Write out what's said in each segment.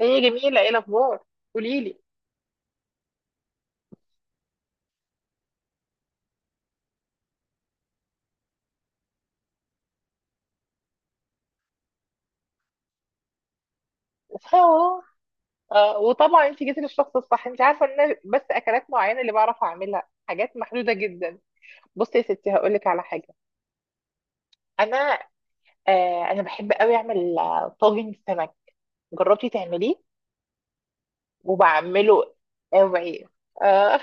هي جميلة، ايه الأخبار؟ قوليلي. اه. وطبعا انت جيتي للشخص الصح، انت عارفة ان أنا بس اكلات معينة اللي بعرف اعملها، حاجات محدودة جدا. بصي يا ستي هقولك على حاجة. انا انا بحب قوي اعمل طاجن سمك. جربتي تعمليه؟ وبعمله قوي. اه.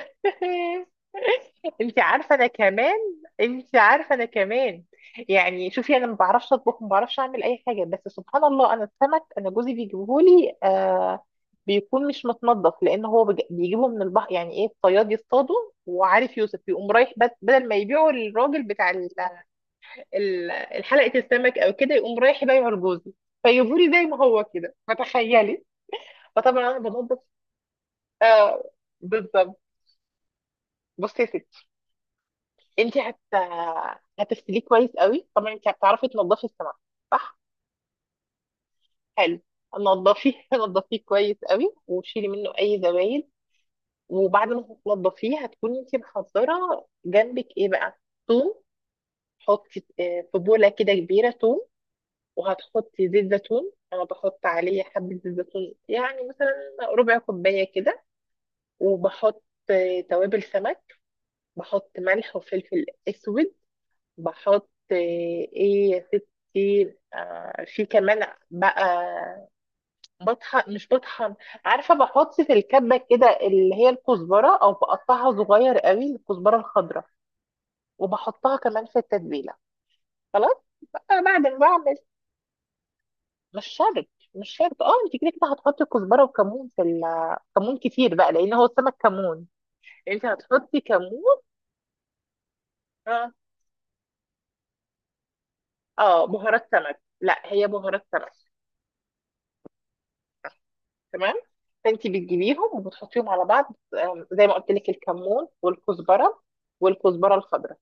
انت عارفه انا كمان انت عارفه انا كمان. يعني شوفي، انا ما بعرفش اطبخ، ما بعرفش اعمل اي حاجه، بس سبحان الله انا السمك، انا جوزي بيجيبهولي. بيكون مش متنضف لان هو بيجيبه من البحر، يعني ايه الصياد يصطاده، وعارف يوسف يقوم رايح بدل ما يبيعه للراجل بتاع ال- الحلقه، السمك او كده يقوم رايح يبيعه لجوزي، فيجيبهولي زي ما هو كده، فتخيلي. فطبعا انا بنضف. بالظبط. بصي يا ستي، انت هت هتغسليه كويس قوي، طبعا انت هتعرفي تنضفي السمك، صح؟ حلو. نضفيه نضفيه كويس قوي، وشيلي منه اي زبايل. وبعد ما تنضفيه هتكوني انت محضره جنبك ايه بقى؟ ثوم. حطي في بوله كده كبيره ثوم. وهتحطي زيت زيتون، انا بحط عليه حبه زيت زيتون، يعني مثلا ربع كوبايه كده. وبحط اه، توابل سمك. بحط ملح وفلفل اسود. بحط آه، ايه يا ستي آه، في كمان بقى. بطحن مش بطحن، عارفة بحط في الكبة كده اللي هي الكزبرة، او بقطعها صغير قوي الكزبرة الخضراء وبحطها كمان في التتبيلة. خلاص. بقى بعد ما بعمل. مش شرط، مش شرط. اه انت كده كده هتحطي كزبرة وكمون في كمون كتير بقى لان هو السمك كمون، انت هتحطي كمون. اه. بهارات سمك، لا هي بهارات سمك. تمام. فانت بتجيبيهم وبتحطيهم على بعض. زي ما قلت لك الكمون والكزبره، والكزبره الخضراء.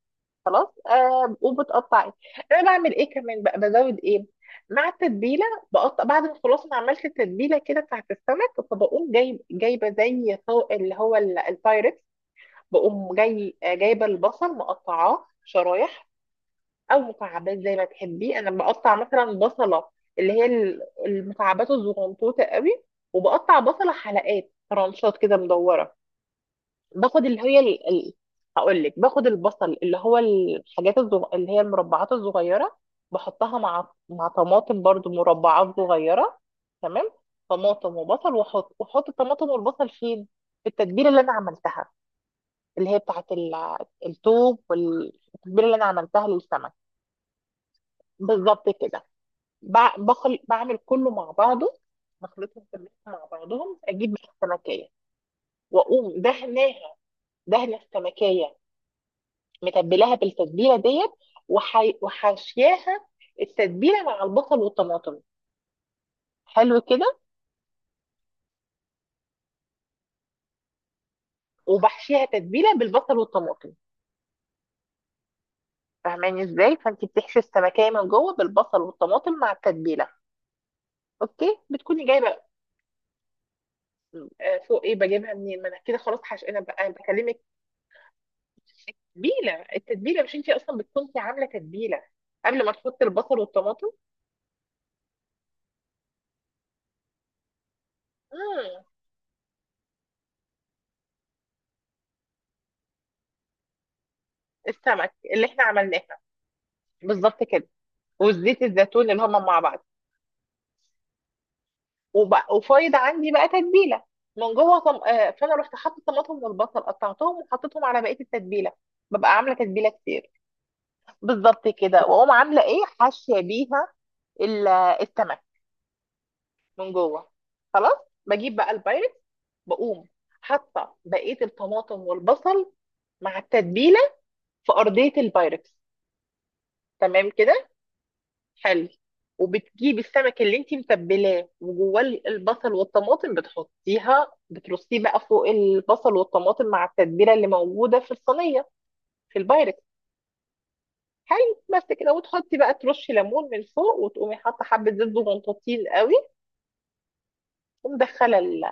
خلاص. آه وبتقطعي. انا بعمل ايه كمان بقى، بزود ايه مع التتبيله. بقطع بعد ما خلاص ما عملت التتبيله كده بتاعت السمك، فبقوم جايبه زي اللي هو البايركس. بقوم جايبه البصل مقطعاه شرايح او مكعبات زي ما تحبي. انا بقطع مثلا بصله اللي هي المكعبات الزغنطوطه قوي، وبقطع بصله حلقات رانشات كده مدوره. باخد اللي هي هقول لك، باخد البصل اللي هو الحاجات اللي هي المربعات الصغيره، بحطها مع طماطم برضو مربعات صغيره. تمام. طماطم وبصل، واحط الطماطم والبصل فين؟ في التتبيله اللي انا عملتها، اللي هي بتاعت التوم، والتتبيله اللي انا عملتها للسمك. بالظبط كده. بخل بعمل كله مع بعضه، بخلطهم كلهم مع بعضهم، اجيب بقى السمكيه واقوم دهناها. دهنه السمكيه متبلاها بالتتبيله ديت، وحاشياها التتبيله مع البصل والطماطم. حلو كده. وبحشيها تتبيله بالبصل والطماطم. فاهماني ازاي؟ فانت بتحشي السمكيه من جوه بالبصل والطماطم مع التتبيله. اوكي. بتكوني جايبه. فوق ايه بجيبها منين، ما انا كده خلاص حش، انا بقى أنا بكلمك. تتبيله، التتبيله، مش انت اصلا بتكوني عامله تتبيله قبل ما تحطي البصل والطماطم. امم. السمك اللي احنا عملناه. بالظبط كده. والزيت الزيتون اللي هما مع بعض. وبقى وفايض عندي بقى تتبيله من جوه طم... آه، فانا رحت حاطه الطماطم والبصل قطعتهم وحطيتهم على بقيه التتبيله. ببقى عامله تتبيله كتير. بالظبط كده، واقوم عامله ايه، حاشيه بيها ال- السمك من جوه. خلاص. بجيب بقى البايركس، بقوم حاطه بقيه الطماطم والبصل مع التتبيله في ارضيه البايركس. تمام كده. حلو. وبتجيبي السمك اللي انت متبلاه وجواه البصل والطماطم، بتحطيها بترصيه بقى فوق البصل والطماطم مع التتبيله اللي موجوده في الصينيه، في البايركس. حلو. بس كده. وتحطي بقى، ترشي ليمون من فوق، وتقومي حاطه حبه زيت زغنطوطين قوي، ومدخله ال.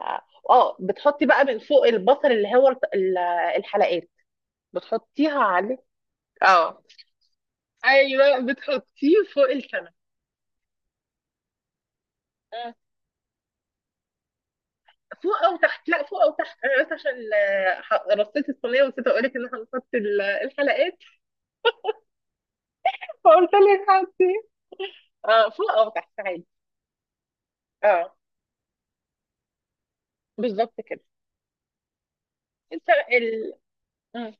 اه، بتحطي بقى من فوق البصل اللي هو الحلقات، بتحطيها عليه. اه. ايوه بتحطيه فوق السمك. فوق او تحت، لا فوق او تحت، انا بس عشان رصيت الصينيه ونسيت اقول لك ان احنا هنحط الحلقات. فقلت لك حطي. اه، فوق او تحت عادي. اه، بالظبط كده. انت ال... مم.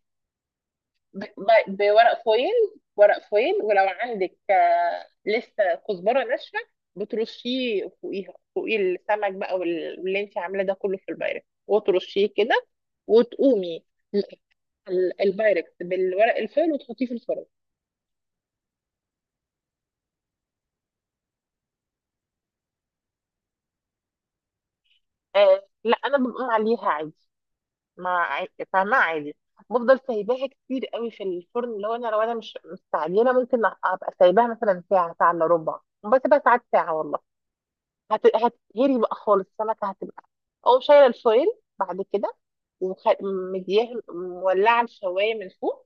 ب... ب... بورق فويل. ورق فويل ولو عندك لسه كزبره ناشفه بترشيه فوقيها، فوقيه السمك بقى، واللي انت عاملاه ده كله في البايركس وترشيه كده، وتقومي ال- البايركس بالورق الفويل وتحطيه في الفرن. آه لا، انا بقوم عليها عادي. ما عا- فاهمة، عادي. بفضل سايباها كتير قوي في الفرن، اللي هو انا لو انا مش مستعجله ممكن ابقى سايباها مثلا ساعه، ساعه الا ربع، بسيبها ساعات ساعه والله. هتتهري بقى خالص، السمكه هتبقى، او شايله الفويل بعد كده ومدياها، مولعه الشوايه من فوق،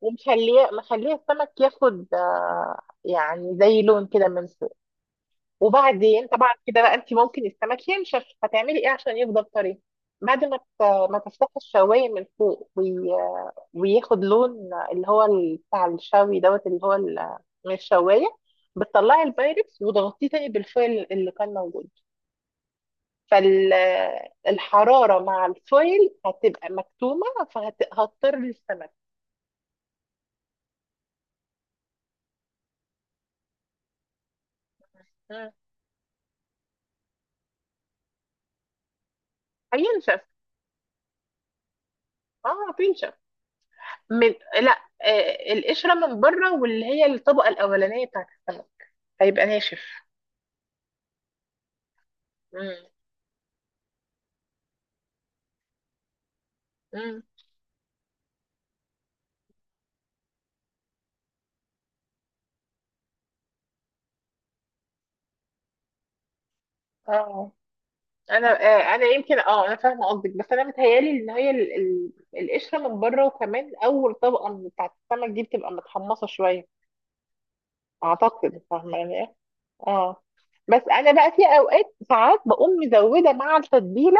ومخليه السمك ياخد يعني زي لون كده من. وبعدين طبعا كده بقى، انت ممكن السمك ينشف، هتعملي ايه عشان يفضل طري؟ بعد ما ت- ما تفتحي الشوايه من فوق وياخد لون، اللي هو بتاع الشوي دوت اللي هو من الشوايه، بتطلعي البايركس وتغطيه تاني بالفويل اللي كان موجود، فالحراره مع الفويل هتبقى مكتومه، فهتضطر السمك. مم. هينشف. اه بينشف. من. لا. القشره من بره واللي هي الطبقه الاولانيه بتاعت السمك هيبقى ناشف. امم. امم. اه انا يمكن، اه انا فاهمه قصدك، بس انا متهيالي ان هي القشره من بره وكمان اول طبقه من بتاعت السمك دي بتبقى متحمصه شويه. اعتقد فاهمه يعني ايه. اه. بس انا بقى في اوقات ساعات بقوم مزوده مع التتبيله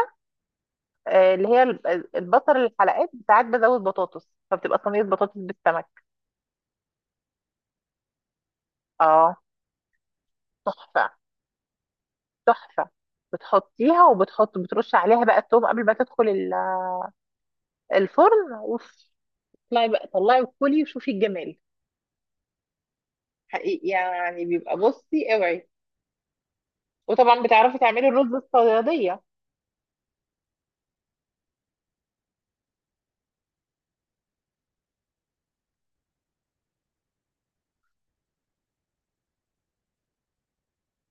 اللي هي البصل الحلقات، ساعات بزود بطاطس، فبتبقى صينيه بطاطس بالسمك. اه. تحفه، تحفه. بتحطيها وبتحط بترش عليها بقى التوم قبل ما تدخل الفرن اوف. طلعي بقى، طلعي وكلي وشوفي الجمال. حقيقي يعني بيبقى، بصي اوعي. وطبعا بتعرفي تعملي الرز الصياديه.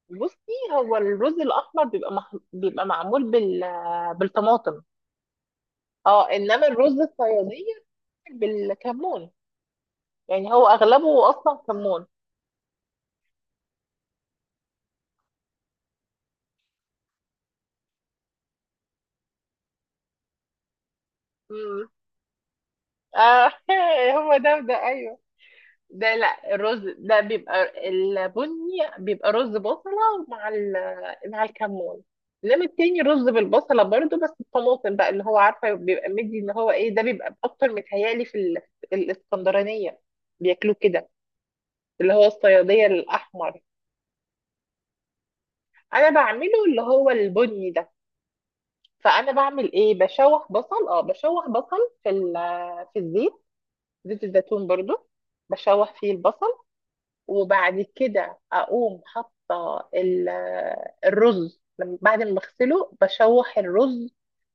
بصي، هو الرز الاحمر بيبقى بيبقى معمول بالطماطم. اه، انما الرز الصياديه بالكمون، يعني هو اغلبه اصلا كمون. امم. آه هو ده، ايوه ده. لا الرز ده بيبقى البني، بيبقى رز بصلة مع ال، مع الكمون. انما التاني رز بالبصلة برضو بس الطماطم بقى، اللي هو عارفة بيبقى مدي اللي هو ايه ده، بيبقى اكتر متهيألي في الاسكندرانية بياكلوه كده، اللي هو الصيادية الأحمر. أنا بعمله اللي هو البني ده. فأنا بعمل ايه، بشوح بصل، اه بشوح بصل في في الزيت، زيت الزيتون برضو، بشوح فيه البصل. وبعد كده اقوم حاطه الرز، بعد ما بغسله بشوح الرز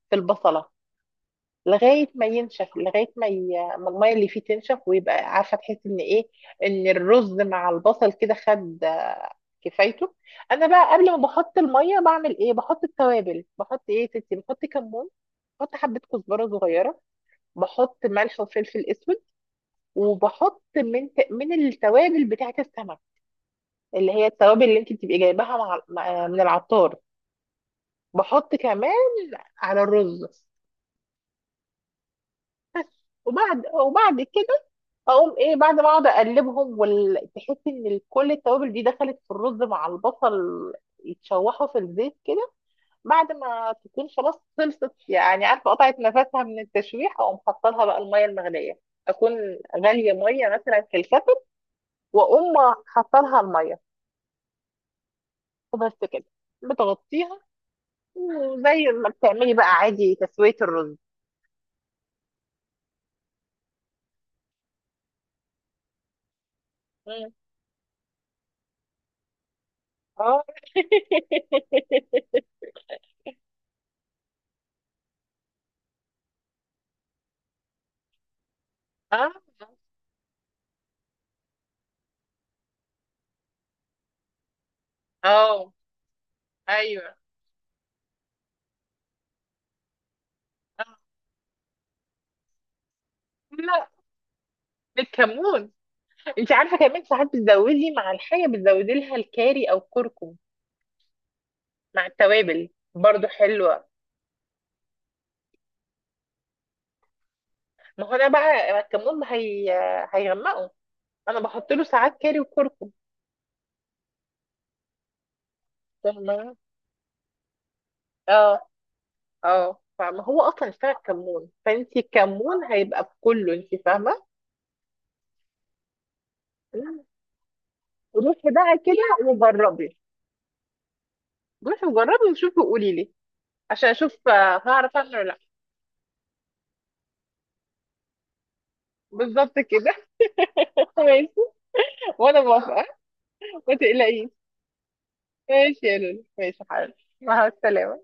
في البصله لغايه ما ينشف، لغايه ما ما الميه اللي فيه تنشف ويبقى عارفه تحس ان ايه، ان الرز مع البصل كده خد كفايته. انا بقى قبل ما بحط الميه بعمل ايه، بحط التوابل، بحط ايه يا ستي، بحط كمون، بحط حبه كزبره صغيره، بحط ملح وفلفل اسود، وبحط من التوابل بتاعه السمك، اللي هي التوابل اللي انت بتبقي جايباها مع من العطار، بحط كمان على الرز. وبعد كده اقوم ايه، بعد ما اقعد اقلبهم وتحس ان كل التوابل دي دخلت في الرز مع البصل، يتشوحوا في الزيت كده، بعد ما تكون خلاص خلصت، يعني عارفه قطعت نفسها من التشويح، اقوم حاطه لها بقى الميه المغليه، اكون غاليه ميه مثلا في الكتل، واقوم حاطه لها الميه وبس كده، بتغطيها زي ما بتعملي بقى عادي تسوية الرز. مم. اه اه. اه. ايوه. آه. لا، بالكمون. انت عارفه كمان ساعات بتزودي مع الحاجه بتزودي لها الكاري او الكركم مع التوابل. برضو حلوه. ما هو انا بقى الكمون هي هيغمقه، انا بحط له ساعات كاري وكركم. فاهمة؟ اه. اه فما هو اصلا اشتغل كمون، فانت الكمون هيبقى في كله، انت فاهمه. مم. روحي بقى كده وجربي. بصي جربي وشوفي وقولي لي عشان اشوف هعرف انا ولا لا. بالظبط كده. ماشي. وانا موافقه. ما تقلقيش. ماشي يا لولو، ماشي يا حبيبي. مع السلامه.